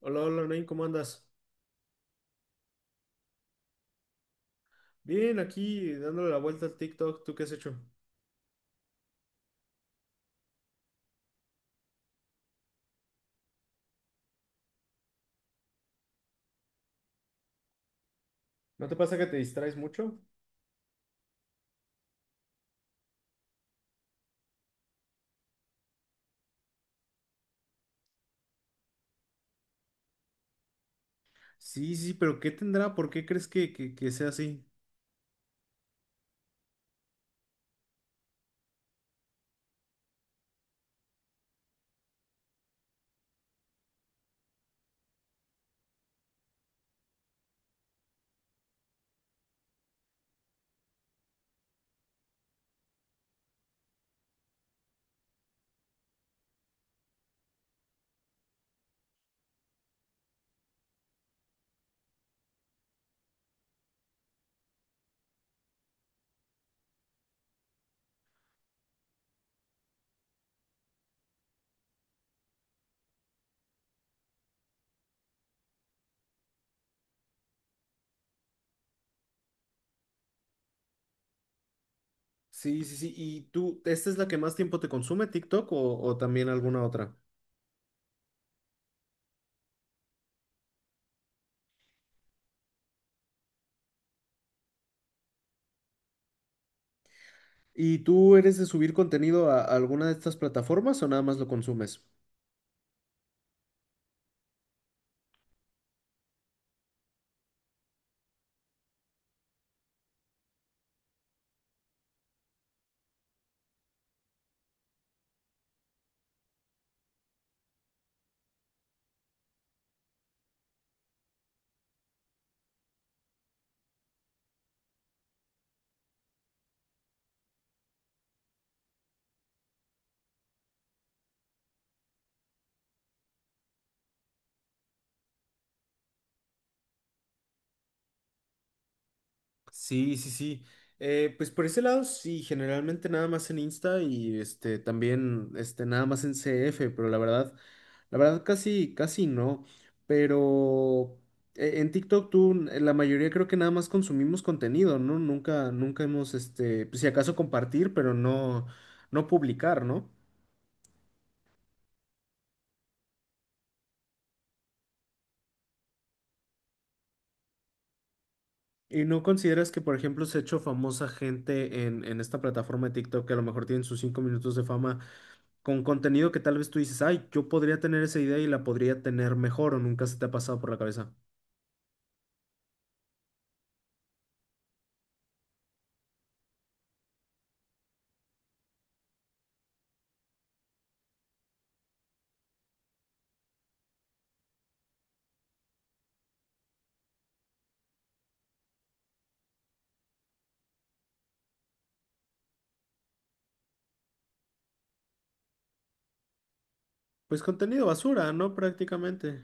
Hola, hola, Nain, ¿cómo andas? Bien, aquí dándole la vuelta al TikTok, ¿tú qué has hecho? ¿No te pasa que te distraes mucho? Sí, sí, pero ¿qué tendrá? ¿Por qué crees que sea así? Sí, sí, sí. Y tú, ¿esta es la que más tiempo te consume, TikTok, o también alguna otra? ¿Y tú eres de subir contenido a alguna de estas plataformas o nada más lo consumes? Sí, sí, sí. Pues por ese lado, sí, generalmente nada más en Insta y este también este nada más en CF. Pero la verdad casi, casi no. Pero en TikTok tú, la mayoría creo que nada más consumimos contenido, ¿no? Nunca, nunca hemos, este, pues, si acaso compartir, pero no, no publicar, ¿no? ¿Y no consideras que, por ejemplo, se ha hecho famosa gente en esta plataforma de TikTok que a lo mejor tienen sus 5 minutos de fama, con contenido que tal vez tú dices, ay, yo podría tener esa idea y la podría tener mejor? ¿O nunca se te ha pasado por la cabeza? Pues contenido basura, ¿no? Prácticamente.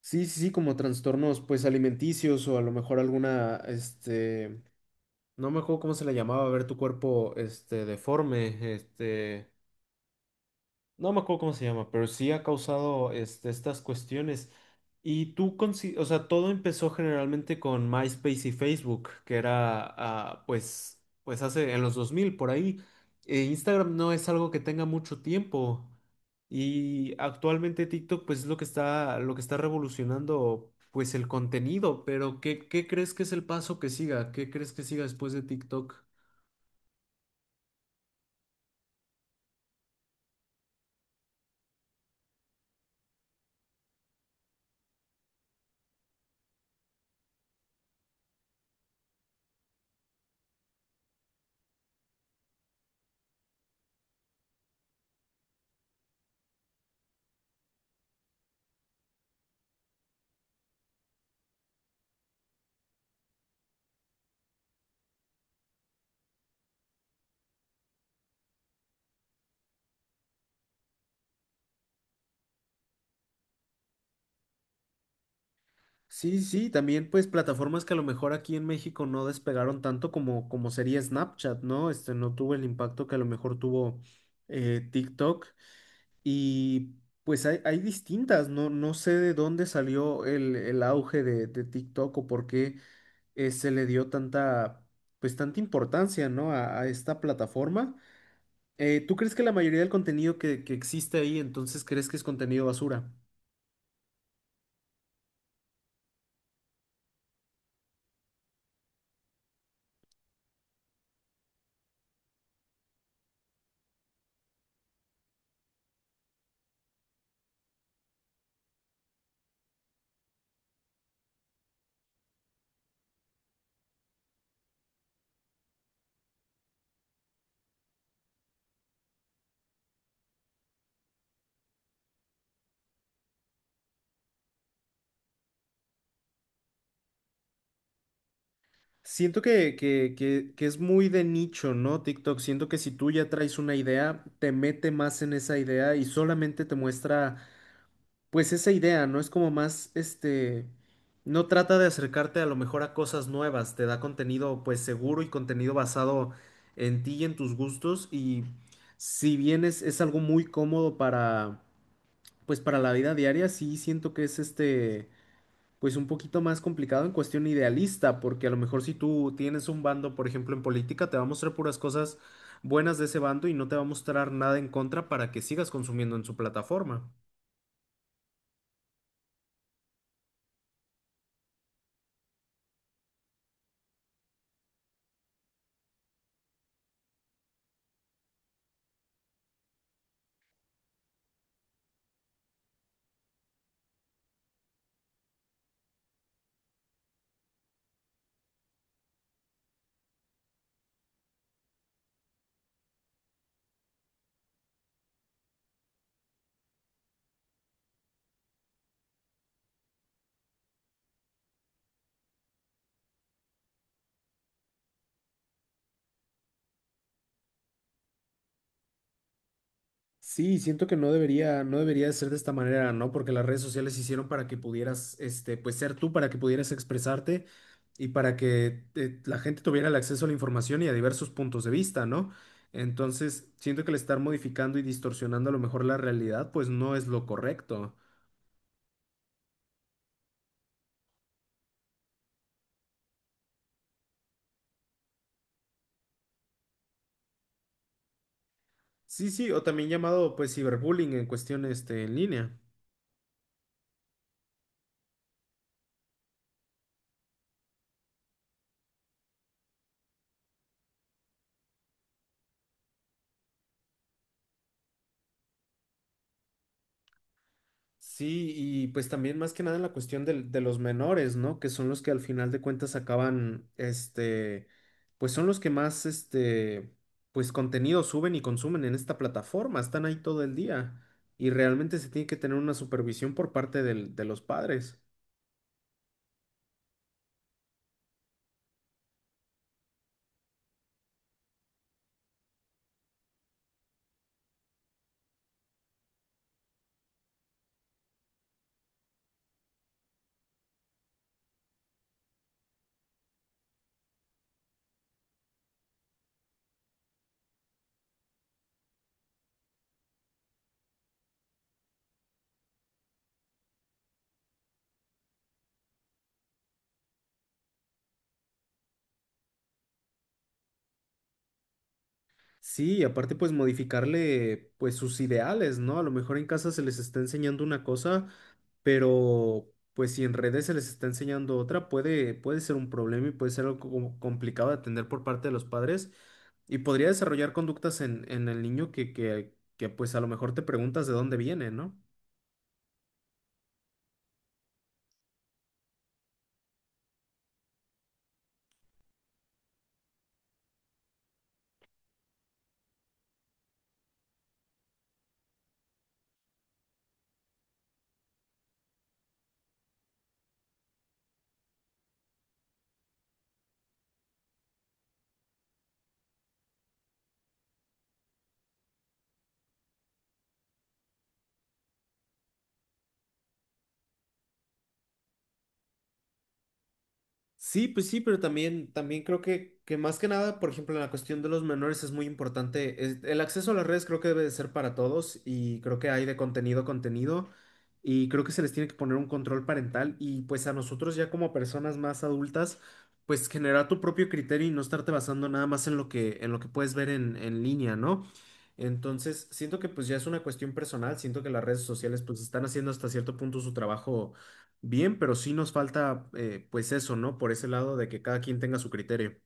Sí, sí, sí, como trastornos, pues alimenticios o a lo mejor alguna, este, no me acuerdo cómo se le llamaba, ver tu cuerpo, este, deforme, este, no me acuerdo cómo se llama, pero sí ha causado este, estas cuestiones. Y tú, consi- o sea, todo empezó generalmente con MySpace y Facebook, que era, ah, pues, pues hace en los 2000 por ahí. Instagram no es algo que tenga mucho tiempo. Y actualmente TikTok, pues, es lo que está revolucionando, pues, el contenido. Pero ¿qué, qué crees que es el paso que siga? ¿Qué crees que siga después de TikTok? Sí, sí, también pues plataformas que a lo mejor aquí en México no despegaron tanto como, como sería Snapchat, ¿no? Este no tuvo el impacto que a lo mejor tuvo TikTok y pues hay distintas, no, no sé de dónde salió el auge de TikTok o por qué se le dio tanta, pues tanta importancia, ¿no?, a esta plataforma. ¿Tú crees que la mayoría del contenido que existe ahí entonces crees que es contenido basura? Siento que es muy de nicho, ¿no? TikTok. Siento que si tú ya traes una idea, te mete más en esa idea y solamente te muestra, pues, esa idea, ¿no? Es como más, este, no trata de acercarte a lo mejor a cosas nuevas, te da contenido, pues, seguro y contenido basado en ti y en tus gustos. Y si bien es algo muy cómodo para, pues, para la vida diaria, sí siento que es este pues un poquito más complicado en cuestión idealista, porque a lo mejor si tú tienes un bando, por ejemplo, en política, te va a mostrar puras cosas buenas de ese bando y no te va a mostrar nada en contra para que sigas consumiendo en su plataforma. Sí, siento que no debería, no debería de ser de esta manera, ¿no? Porque las redes sociales se hicieron para que pudieras, este, pues ser tú, para que pudieras expresarte y para que la gente tuviera el acceso a la información y a diversos puntos de vista, ¿no? Entonces, siento que el estar modificando y distorsionando a lo mejor la realidad, pues no es lo correcto. Sí, sí, o también llamado pues ciberbullying en cuestión este, en línea. Sí, y pues también más que nada en la cuestión del- de, los menores, ¿no? Que son los que al final de cuentas acaban, este, pues son los que más, este, pues contenido suben y consumen en esta plataforma, están ahí todo el día y realmente se tiene que tener una supervisión por parte del- de los padres. Sí, y aparte pues modificarle pues sus ideales, ¿no? A lo mejor en casa se les está enseñando una cosa, pero pues si en redes se les está enseñando otra, puede, puede ser un problema y puede ser algo como complicado de atender por parte de los padres y podría desarrollar conductas en el niño que pues a lo mejor te preguntas de dónde viene, ¿no? Sí, pues sí, pero también, también creo que más que nada, por ejemplo, en la cuestión de los menores es muy importante. Es- el acceso a las redes creo que debe de ser para todos y creo que hay de contenido a contenido y creo que se les tiene que poner un control parental y pues a nosotros ya como personas más adultas, pues generar tu propio criterio y no estarte basando nada más en lo que puedes ver en línea, ¿no? Entonces, siento que pues ya es una cuestión personal, siento que las redes sociales pues están haciendo hasta cierto punto su trabajo bien, pero sí nos falta, pues eso, ¿no? Por ese lado de que cada quien tenga su criterio.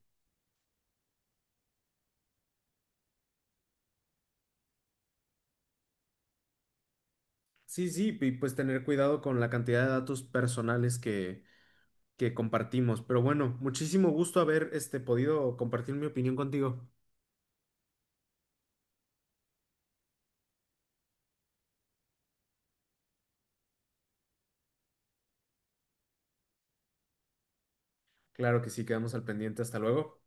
Sí, sí, y pues tener cuidado con la cantidad de datos personales que compartimos. Pero bueno, muchísimo gusto haber este, podido compartir mi opinión contigo. Claro que sí, quedamos al pendiente. Hasta luego.